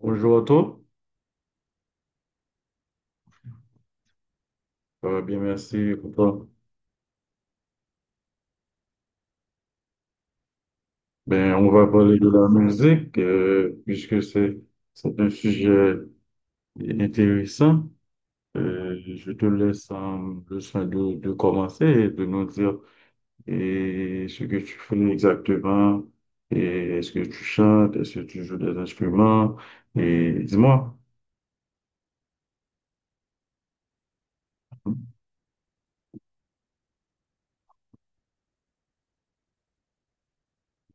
Bonjour à toi. Ça va bien, merci. Pour toi. Ben, on va parler de la musique, puisque c'est un sujet intéressant. Je te laisse le soin de commencer et de nous dire et ce que tu fais exactement, et est-ce que tu chantes, est-ce que tu joues des instruments, et dis-moi.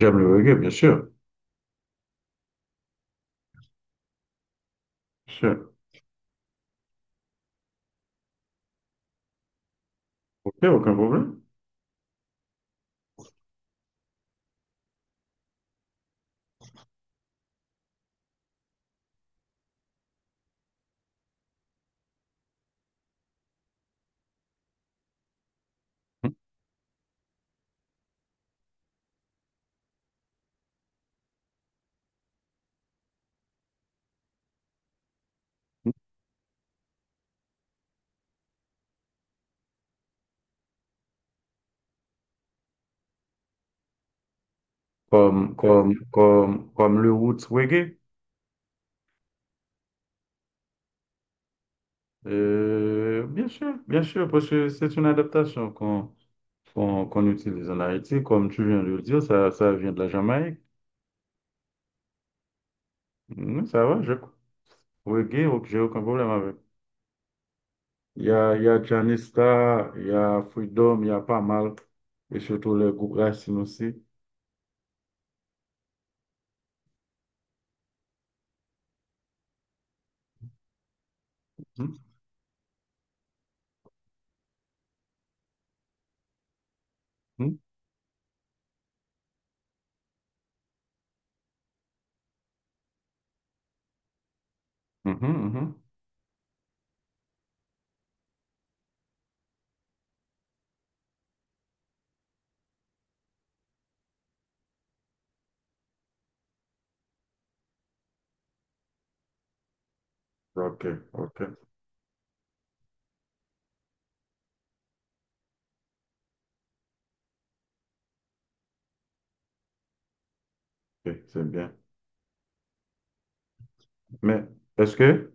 J'aime le reggae, bien sûr. Bien sûr. Ok, aucun problème. Comme le roots reggae. Bien sûr, bien sûr, parce que c'est une adaptation qu'on utilise en Haïti. Comme tu viens de le dire, ça vient de la Jamaïque. Ça va, je reggae, ok, ok, j'ai aucun problème avec. Il y a Janista, il y a Freedom, il y a pas mal, et surtout le groupe Racine aussi. Mm, mm, mhm, mhm. Ok, ok, ok, c'est bien. Mais est-ce que,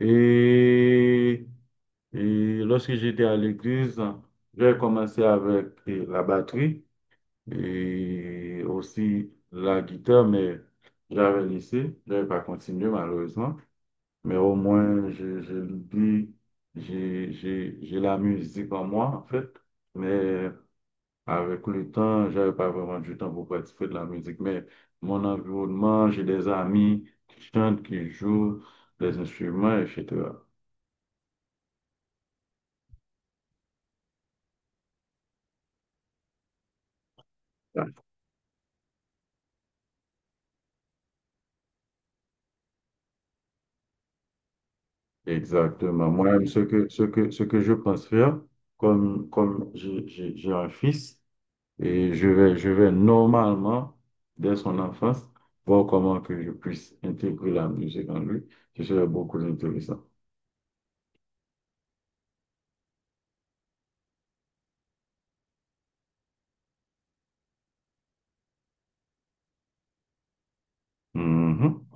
et, et lorsque j'étais à l'église, j'ai commencé avec la batterie, et aussi la guitare, mais j'avais laissé, j'avais pas continué malheureusement, mais au moins je l'oublie, j'ai la musique en moi en fait, mais avec le temps, j'avais pas vraiment du temps pour participer de la musique, mais mon environnement, j'ai des amis qui chantent, qui jouent des instruments, et cetera. Exactement. Moi, ce que je pense faire, comme j'ai un fils, et je vais normalement, dès son enfance, voir comment que je puisse intégrer la musique en lui. Ce serait beaucoup intéressant. Mhm.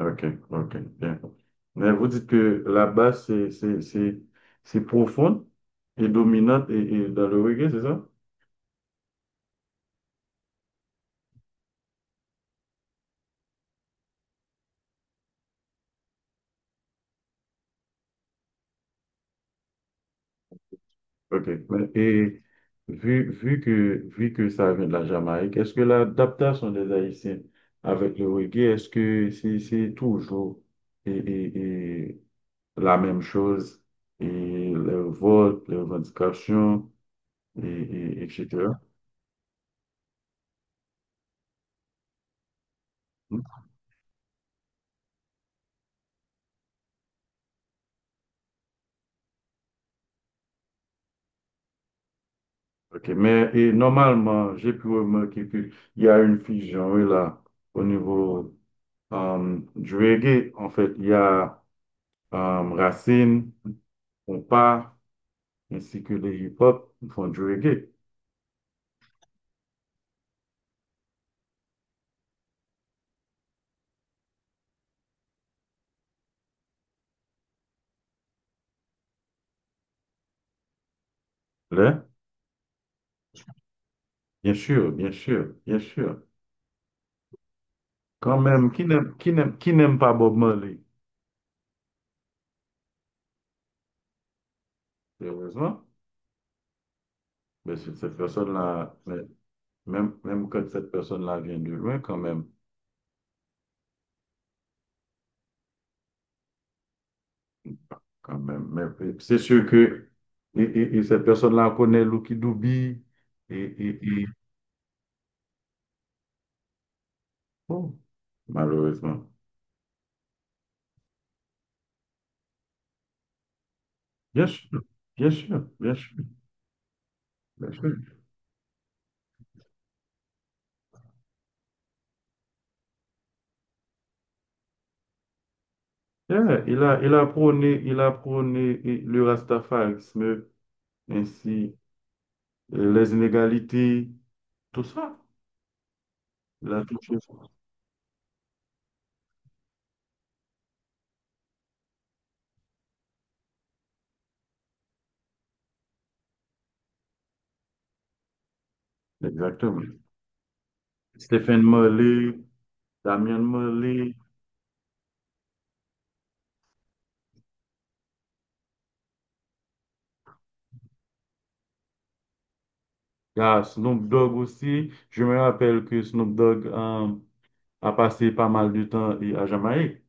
OK, OK, bien. Mais vous dites que la basse, c'est profonde et dominante et dans le reggae, c'est ça? OK. Mais- Et vu, vu que, vu que ça vient de la Jamaïque, est-ce que l'adaptation des Haïtiens avec le reggae, est-ce que c'est toujours et la même chose et les votes, les revendications, et- etc. Hmm. OK. Mais et normalement, j'ai pu remarquer qu'il y a une fusion oui, là au niveau du reggae. En fait, il y a Racine, Compas, ainsi que le hip-hop font du reggae. Là, bien sûr, bien sûr, bien sûr. Quand même, qui n'aime pas Bob Marley? Heureusement, mais c'est- cette personne-là, mais même, même quand cette personne-là vient de loin, quand même, quand même. Mais c'est sûr que et cette personne-là connaît Lucky Dubé et bon, malheureusement. Bien sûr, bien sûr, bien sûr, bien sûr. Yeah, il a prôné le rastafarisme ainsi les inégalités, tout ça. Il a touché ça. Exactement. Stephen Marley, Damien Marley, il y a Snoop Dogg aussi. Je me rappelle que Snoop Dogg a passé pas mal de temps et- à Jamaïque.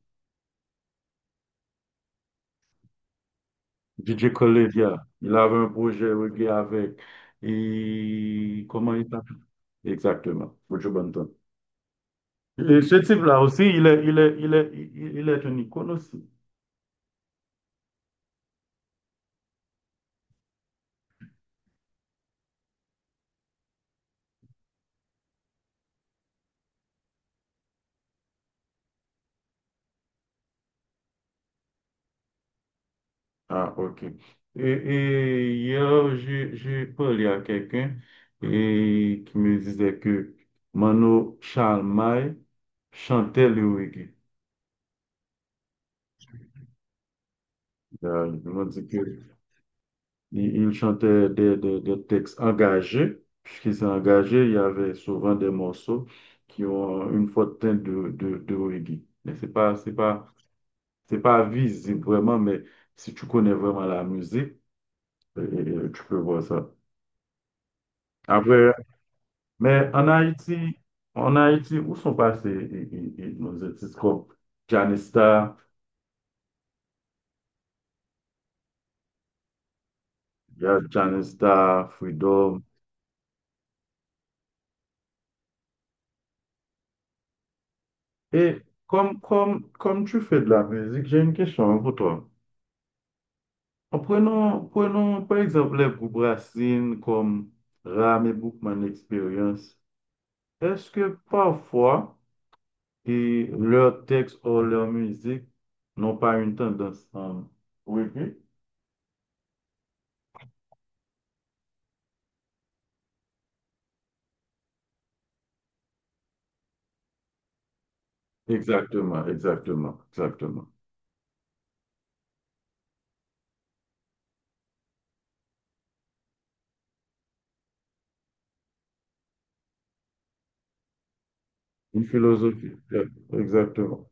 DJ Khaled, yeah, il avait un projet reggae avec. Et comment il s'appelle? Exactement, Buju Banton. Et ce type-là aussi, il il est une icône aussi. Ah, ok. Et hier, j'ai parlé à quelqu'un et qui me disait que Mano Chalmai chantait le reggae. Il m'a dit que il chantait des textes engagés. Puisqu'il s'est engagé, il y avait souvent des morceaux qui ont une forte teinte de reggae. Mais c'est pas visible vraiment, mais si tu connais vraiment la musique, euh, tu peux voir ça. Après, mais en Haïti, où sont passés et nos artistes comme Janista, il y a Janista, Freedom. Et comme tu fais de la musique, j'ai une question pour toi. En prenons par exemple les groupes racines comme Ram et Bookman Experience. Est-ce que parfois et leurs textes ou leur musique n'ont pas une tendance à... Oui, oui. Exactement, exactement, exactement. Une philosophie, yeah, exactement,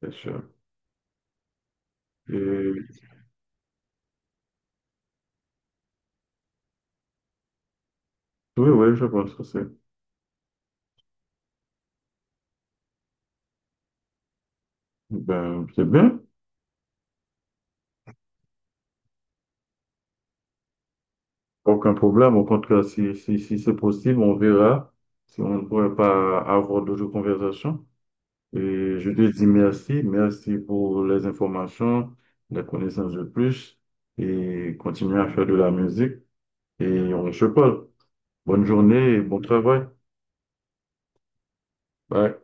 c'est sûr. Et oui, oui, je pense que c'est ben, c'est bien. Aucun problème. Au contraire, si, si, si c'est possible, on verra si on ne pourrait pas avoir d'autres conversations. Et je te dis merci. Merci pour les informations, la connaissance de plus. Et continue à faire de la musique. Et on se parle. Bonne journée et bon travail. Bye.